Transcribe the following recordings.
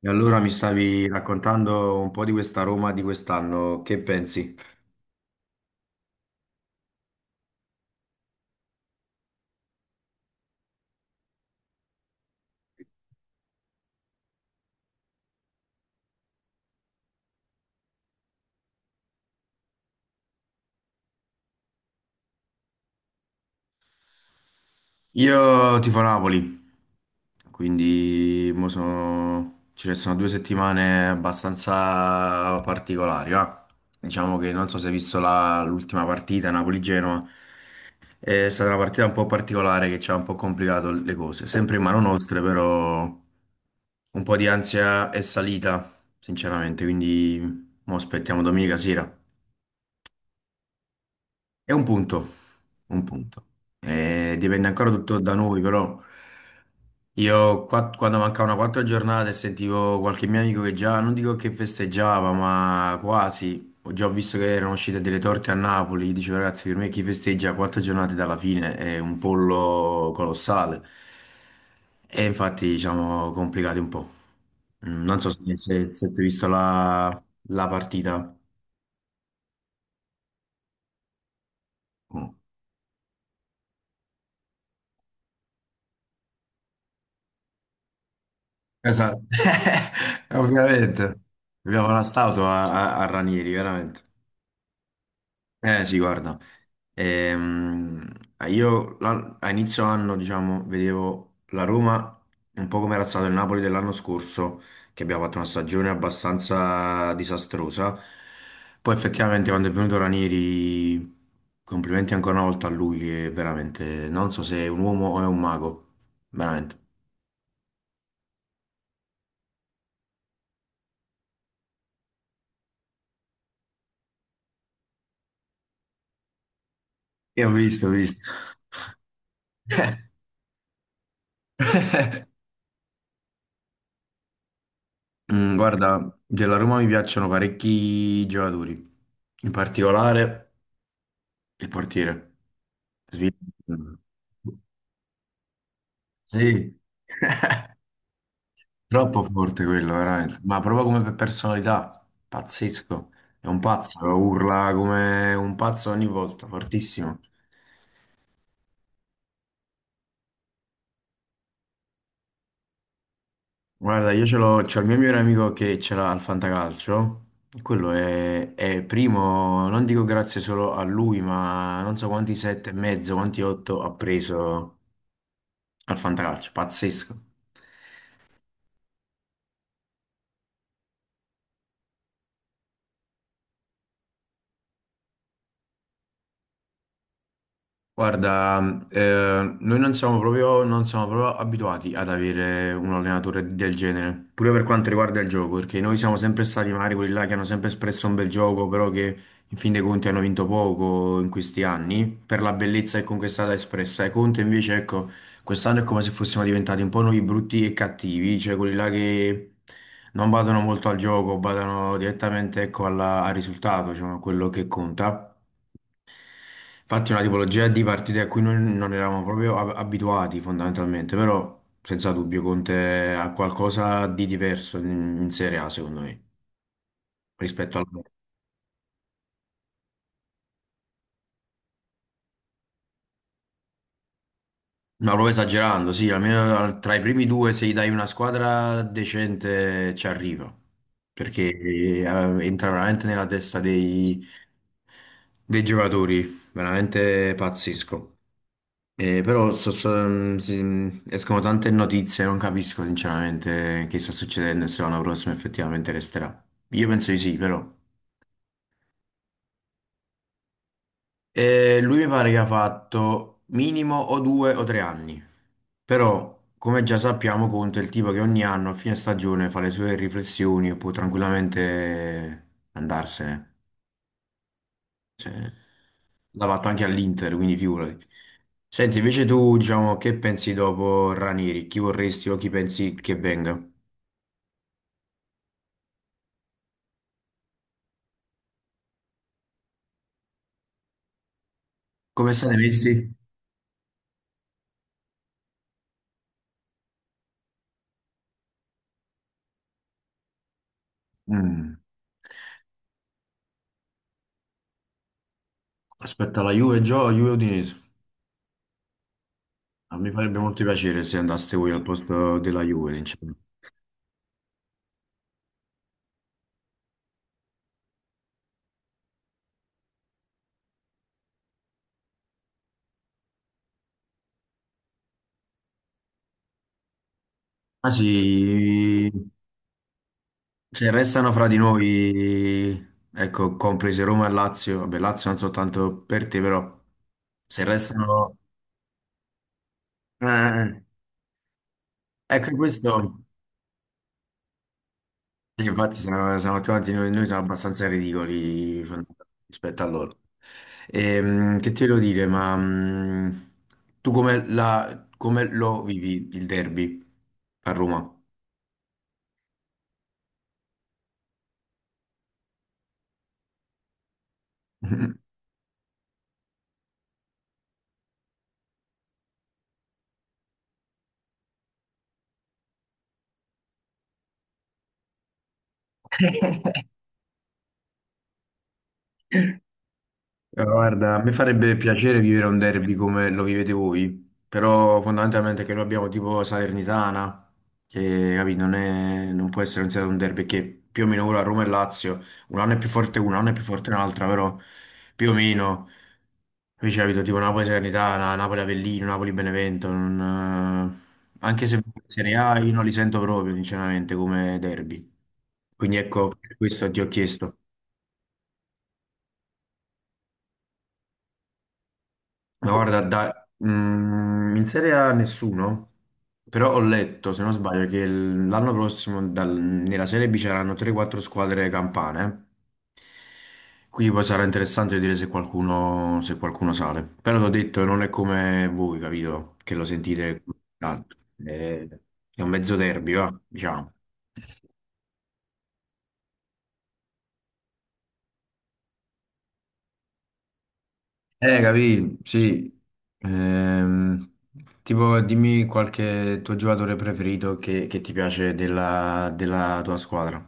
E allora mi stavi raccontando un po' di questa Roma di quest'anno, che pensi? Io tifo Napoli, quindi ci restano due settimane abbastanza particolari. Va. Diciamo che non so se hai visto l'ultima partita Napoli-Genoa, è stata una partita un po' particolare che ci ha un po' complicato le cose, sempre in mano nostre però un po' di ansia è salita, sinceramente, quindi mo aspettiamo domenica sera. È un punto, un punto. Dipende ancora tutto da noi, però io quando mancavano quattro giornate sentivo qualche mio amico che già, non dico che festeggiava, ma quasi, ho già visto che erano uscite delle torte a Napoli, dicevo ragazzi, per me chi festeggia quattro giornate dalla fine è un pollo colossale. E infatti, diciamo, complicati un po'. Mm, non so se tu hai visto la partita. Mm. Esatto, ovviamente. Abbiamo la statua a Ranieri, veramente. Eh sì, guarda, Ehm, io a inizio anno, diciamo, vedevo la Roma un po' come era stato il Napoli dell'anno scorso, che abbiamo fatto una stagione abbastanza disastrosa. Poi effettivamente quando è venuto Ranieri, complimenti ancora una volta a lui, che veramente non so se è un uomo o è un mago, veramente. Io ho visto, ho visto. Mm, guarda, della Roma mi piacciono parecchi giocatori, in particolare il portiere. Svi- Sì, troppo forte quello, veramente. Ma proprio come per personalità, pazzesco. È un pazzo, urla come un pazzo ogni volta, fortissimo. Guarda, c'ho il mio migliore amico che ce l'ha al Fantacalcio. E quello è primo, non dico grazie solo a lui, ma non so quanti sette e mezzo, quanti otto ha preso. Al fantacalcio, pazzesco. Guarda, noi non siamo proprio, non siamo proprio abituati ad avere un allenatore del genere, pure per quanto riguarda il gioco, perché noi siamo sempre stati magari quelli là che hanno sempre espresso un bel gioco, però che in fin dei conti hanno vinto poco in questi anni, per la bellezza che comunque è stata espressa. E Conte invece, ecco, quest'anno è come se fossimo diventati un po' noi brutti e cattivi, cioè quelli là che non badano molto al gioco, badano direttamente, ecco, al risultato, diciamo, a quello che conta. Infatti è una tipologia di partite a cui noi non eravamo proprio abituati fondamentalmente, però senza dubbio Conte ha qualcosa di diverso in Serie A secondo me rispetto al... Ma proprio esagerando, sì, almeno tra i primi due se gli dai una squadra decente ci arriva, perché entra veramente nella testa dei giocatori, veramente pazzesco. Però escono tante notizie, non capisco sinceramente che sta succedendo e se l'anno prossimo effettivamente resterà. Io penso di sì, però. Lui mi pare che ha fatto minimo o due o tre anni. Però, come già sappiamo, Conte è il tipo che ogni anno a fine stagione fa le sue riflessioni e può tranquillamente andarsene. Cioè, l'ha fatto anche all'Inter, quindi figurati. Senti, invece tu, diciamo, che pensi dopo Ranieri? Chi vorresti o chi pensi che venga? Come state messi? Mm. Aspetta, la Juve gioca, Juve Udinese. Ah, mi farebbe molto piacere se andaste voi al posto della Juve, sinceramente. Ah sì, se restano fra di noi, ecco, comprese Roma e Lazio, vabbè, Lazio non soltanto per te, però se restano... Eh, ecco, questo... Sì, infatti siamo tutti noi, siamo abbastanza ridicoli rispetto a loro. Che ti volevo dire, ma tu come, come lo vivi il derby a Roma? Guarda, a me farebbe piacere vivere un derby come lo vivete voi, però fondamentalmente che noi abbiamo tipo Salernitana, che capì, non può essere considerato un derby, che più o meno ora Roma e Lazio, un anno è più forte una, un anno è più forte un'altra, però più o meno... Capisci, capito? Tipo Napoli-Salernitana, Napoli-Avellino, Napoli-Benevento, non, anche se in Serie A io non li sento proprio, sinceramente, come derby. Quindi ecco, per questo ti ho chiesto. Ma guarda, in Serie A nessuno, però ho letto, se non sbaglio, che l'anno prossimo nella Serie B c'erano 3-4 squadre campane. Quindi poi sarà interessante vedere se qualcuno, se qualcuno sale. Però l'ho detto, non è come voi, capito? Che lo sentite tanto. È un mezzo derby, va, diciamo. Capì, sì. Ehm, tipo, dimmi qualche tuo giocatore preferito che ti piace della tua squadra.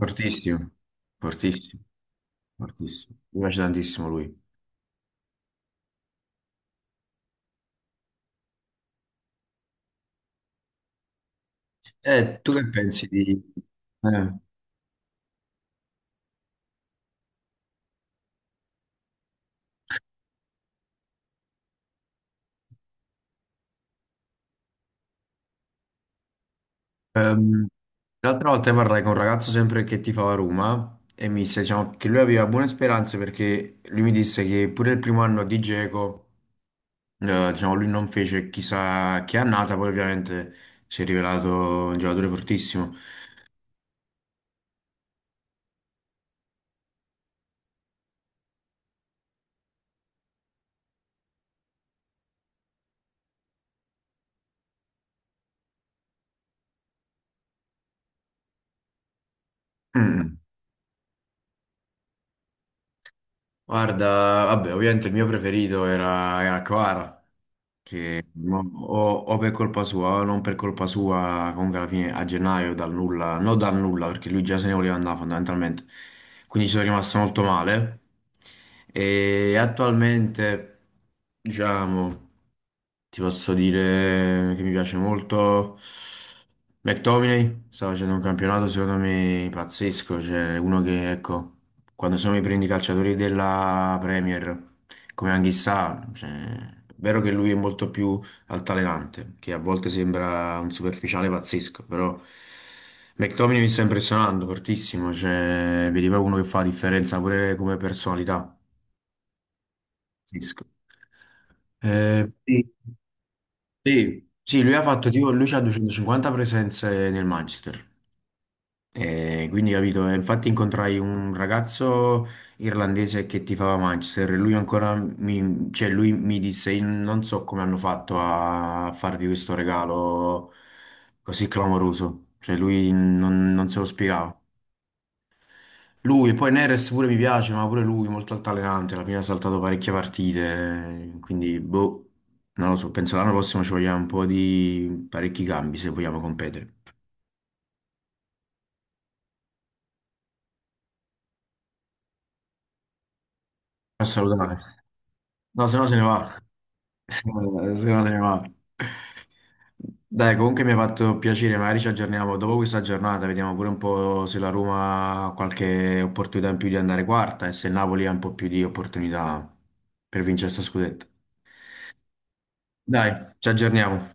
Fortissimo, fortissimo, fortissimo. Mi piace tantissimo lui. Tu che pensi di... eh, ehm, l'altra volta parlai con un ragazzo sempre che tifava Roma e mi disse, diciamo, che lui aveva buone speranze perché lui mi disse che pure il primo anno di Dzeko eh, diciamo, lui non fece chissà che annata, poi ovviamente si è rivelato un giocatore fortissimo. Mm. Guarda, vabbè, ovviamente il mio preferito era Kvara. Che o per colpa sua o non per colpa sua, comunque alla fine a gennaio dal nulla, non dal nulla perché lui già se ne voleva andare fondamentalmente, quindi ci sono rimasto molto male e attualmente diciamo ti posso dire che mi piace molto McTominay, sta facendo un campionato secondo me pazzesco, cioè uno che ecco quando sono i prendi i calciatori della Premier come Anghissà, cioè, è vero che lui è molto più altalenante, che a volte sembra un superficiale pazzesco, però McTominay mi sta impressionando fortissimo, cioè, vedi proprio uno che fa la differenza pure come personalità, pazzesco. Sì. Sì, sì, lui ha fatto tipo, lui c'ha 250 presenze nel Manchester. E quindi capito, e infatti incontrai un ragazzo irlandese che tifava Manchester e lui ancora mi, cioè lui mi disse: "Io non so come hanno fatto a farvi questo regalo così clamoroso", cioè lui non, non se lo spiegava. Lui e poi Neres pure mi piace, ma pure lui molto altalenante, alla fine ha saltato parecchie partite, quindi boh, non lo so, penso l'anno prossimo ci vogliamo un po' di parecchi cambi se vogliamo competere. A salutare, no se no se ne va. Eh, Secondo me, va. Dai, comunque mi ha fatto piacere, magari ci aggiorniamo dopo questa giornata, vediamo pure un po' se la Roma ha qualche opportunità in più di andare quarta e se il Napoli ha un po' più di opportunità per vincere sta scudetto. Dai, ci aggiorniamo.